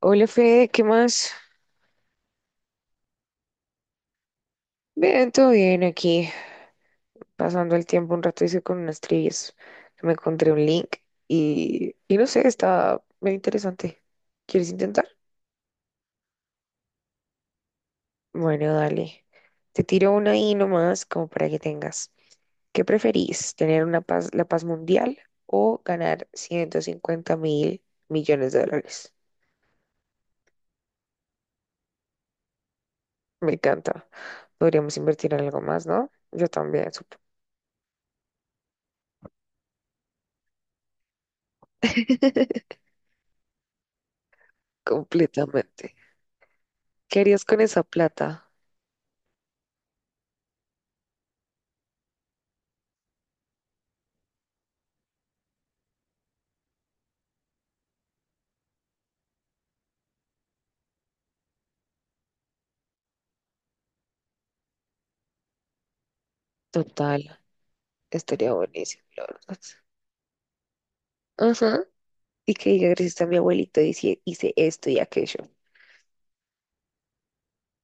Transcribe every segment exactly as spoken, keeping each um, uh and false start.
Hola Fede, ¿qué más? Bien, todo bien aquí, pasando el tiempo un rato hice con unas trivias que me encontré un link y, y no sé, está muy interesante. ¿Quieres intentar? Bueno, dale. Te tiro una ahí nomás como para que tengas. ¿Qué preferís? ¿Tener una paz, la paz mundial o ganar ciento cincuenta mil millones de dólares? Me encanta. Podríamos invertir en algo más, ¿no? Yo también, sup- Completamente. ¿Qué harías con esa plata? Total, estaría buenísimo, la verdad. Ajá, y que diga gracias a mi abuelito hice, hice esto y aquello.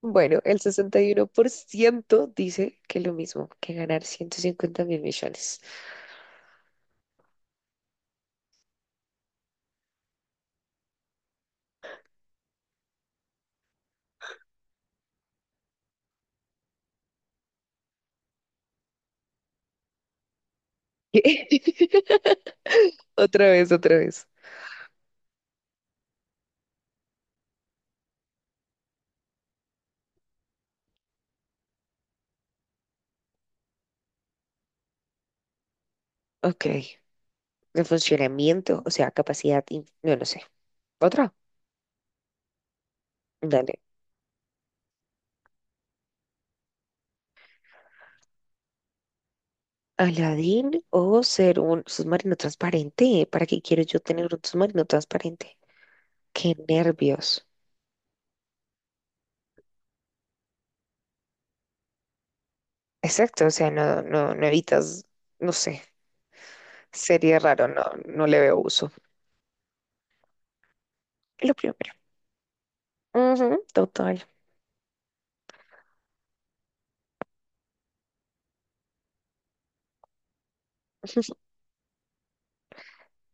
Bueno, el sesenta y uno por ciento dice que lo mismo, que ganar ciento cincuenta mil millones. Otra vez, otra vez. Ok, de funcionamiento, o sea, capacidad, in- no, no sé. Otra, dale. Aladdin o ser un submarino transparente. ¿Para qué quiero yo tener un submarino transparente? Qué nervios. Exacto, o sea, no, no, no evitas, no sé, sería raro, no, no le veo uso. Es lo primero. Ujú, total,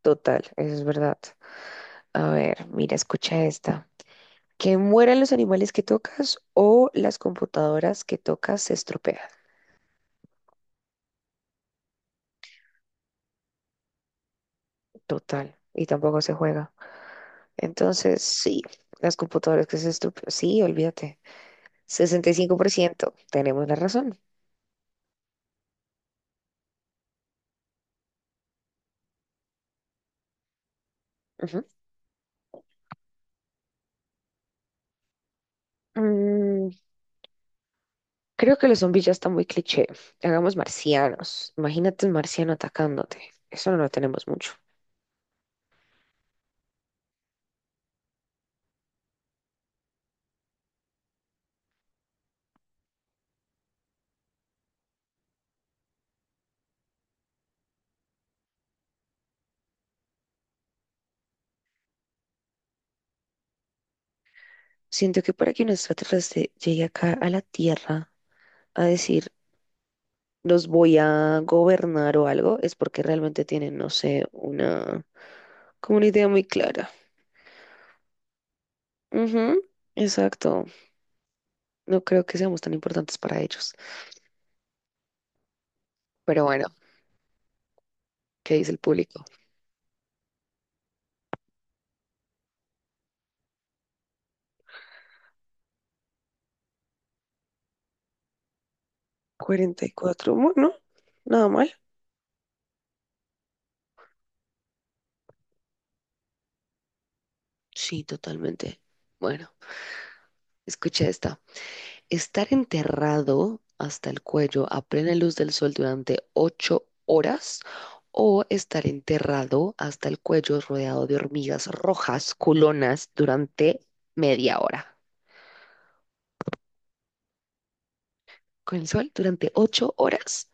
total, eso es verdad. A ver, mira, escucha esta. Que mueran los animales que tocas o las computadoras que tocas se estropean. Total, y tampoco se juega. Entonces, sí, las computadoras que se estropean, sí, olvídate. Sesenta y cinco por ciento, tenemos la razón. Ujú. Mm, Creo que los zombies ya están muy cliché. Hagamos marcianos. Imagínate un marciano atacándote. Eso no lo tenemos mucho. Siento que para que un extraterrestre llegue acá a la Tierra a decir, los voy a gobernar o algo, es porque realmente tienen, no sé, una, como una idea muy clara. Ujú, exacto. No creo que seamos tan importantes para ellos. Pero bueno, ¿qué dice el público? cuarenta y cuatro, bueno, nada mal. Sí, totalmente. Bueno, escucha esta. Estar enterrado hasta el cuello a plena luz del sol durante ocho horas o estar enterrado hasta el cuello rodeado de hormigas rojas culonas durante media hora. Con el sol durante ocho horas.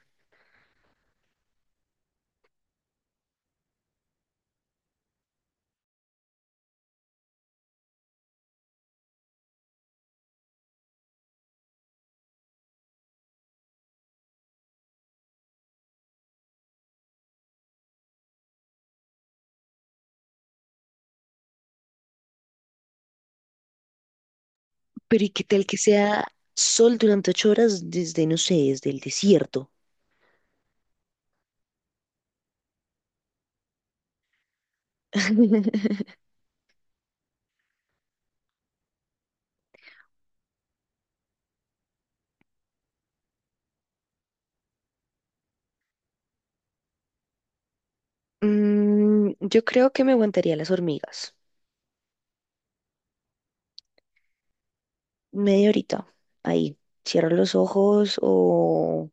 Pero ¿y qué tal que sea sol durante ocho horas desde, no sé, desde el desierto? Mm, yo creo que me aguantaría las hormigas. Media horita. Ahí, cierro los ojos o,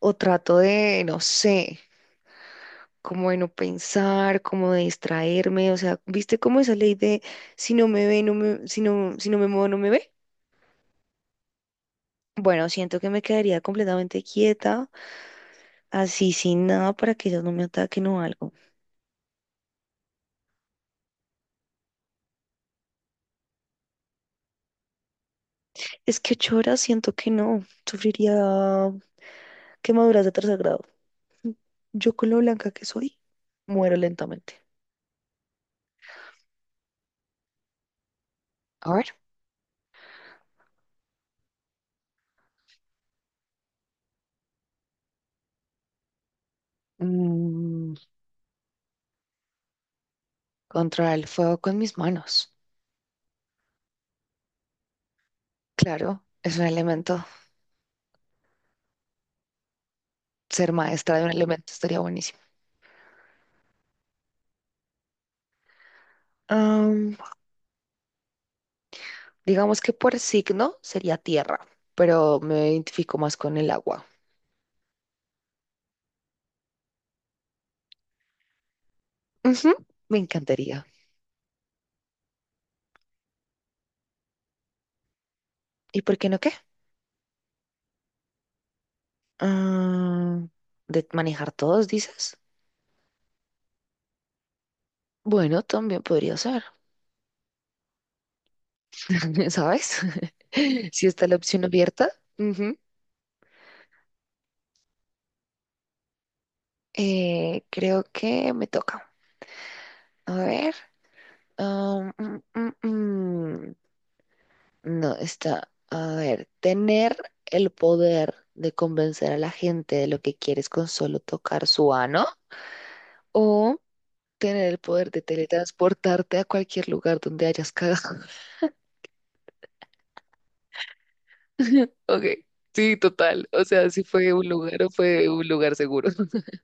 o trato de, no sé, como de no pensar, como de distraerme. O sea, ¿viste cómo esa ley de si no me ve, no me, si no, si no me muevo, no me ve? Bueno, siento que me quedaría completamente quieta, así sin nada para que ellos no me ataquen o algo. Es que ocho horas siento que no, sufriría quemaduras de tercer grado. Yo con lo blanca que soy, muero lentamente. A ver. Mm. Controlar el fuego con mis manos. Claro, es un elemento. Ser maestra de un elemento estaría buenísimo. Am, digamos que por signo sería tierra, pero me identifico más con el agua. Ujú, me encantaría. ¿Y por qué no qué? Am, de manejar todos, dices. Bueno, también podría ser, ¿sabes? Si está la opción abierta. Ujú. Eh, creo que me toca. A ver. Am, mm, mm, mm. No, está, a ver, tener el poder de convencer a la gente de lo que quieres con solo tocar su ano o tener el poder de teletransportarte a cualquier lugar donde hayas cagado. Ok, sí, total. O sea, si fue un lugar o fue un lugar seguro.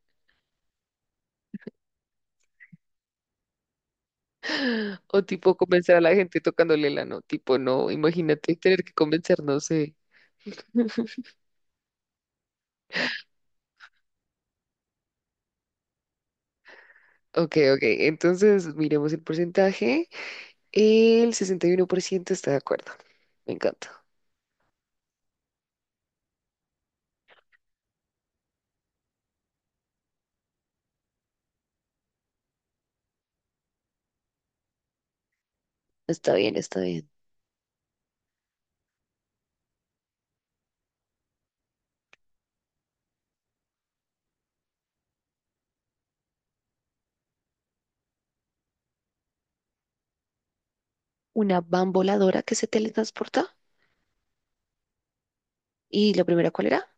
O tipo convencer a la gente tocándole el ano. Tipo, no, imagínate tener que convencer, no sé. Ok, ok, entonces miremos el porcentaje. El sesenta y uno por ciento está de acuerdo. Me encanta. Está bien, está bien. Una van voladora que se teletransporta. ¿Y la primera cuál era?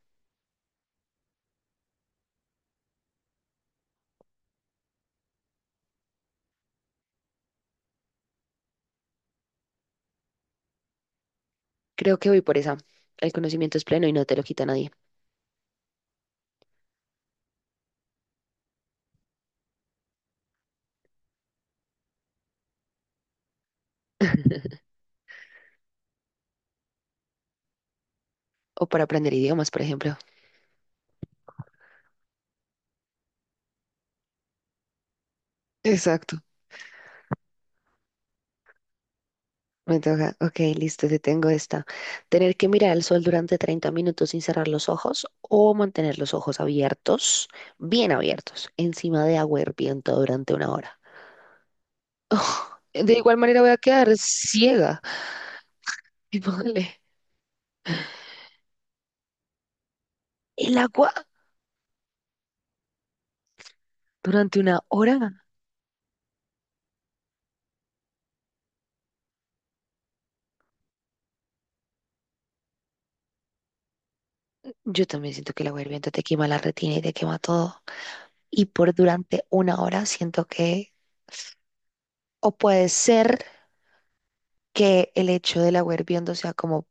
Creo que voy por esa. El conocimiento es pleno y no te lo quita nadie. O para aprender idiomas, por ejemplo. Exacto. Me toca. Ok, listo, te tengo esta. Tener que mirar al sol durante treinta minutos sin cerrar los ojos o mantener los ojos abiertos, bien abiertos, encima de agua hirviendo durante una hora. Oh, de igual manera voy a quedar ciega. Y póngale, ¿el agua durante una hora? Yo también siento que el agua hirviendo te quema la retina y te quema todo. Y por durante una hora siento que, o puede ser que el hecho del agua hirviendo sea como,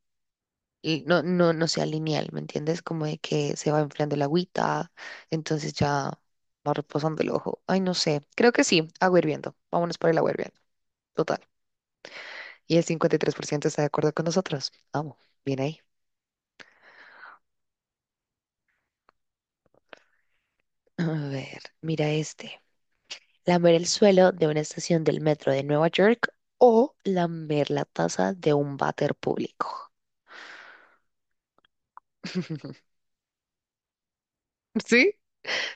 y no, no, no sea lineal, ¿me entiendes? Como de que se va enfriando el agüita, entonces ya va reposando el ojo. Ay, no sé. Creo que sí, agua hirviendo. Vámonos por el agua hirviendo. Total. Y el cincuenta y tres por ciento está de acuerdo con nosotros. Vamos, bien ahí. A ver, mira este. Lamer el suelo de una estación del metro de Nueva York o lamer la taza de un váter público. Sí,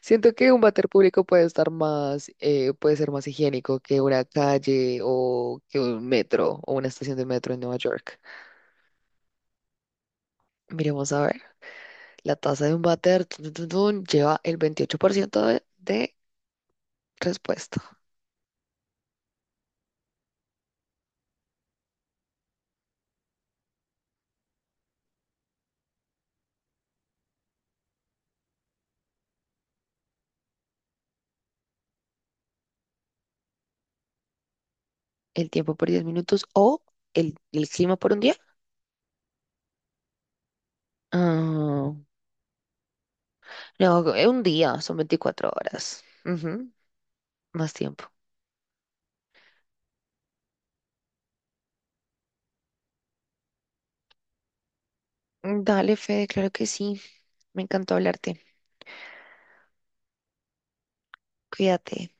siento que un váter público puede estar más, eh, puede ser más higiénico que una calle o que un metro o una estación de metro en Nueva York. Miremos a ver, la tasa de un váter tun, tun, tun, tun, lleva el veintiocho por ciento de, de respuesta. El tiempo por diez minutos o el, el clima por un día. Ah, no, eh, un día, son veinticuatro horas. Ujú. Más tiempo. Dale, Fede, claro que sí. Me encantó hablarte. Cuídate.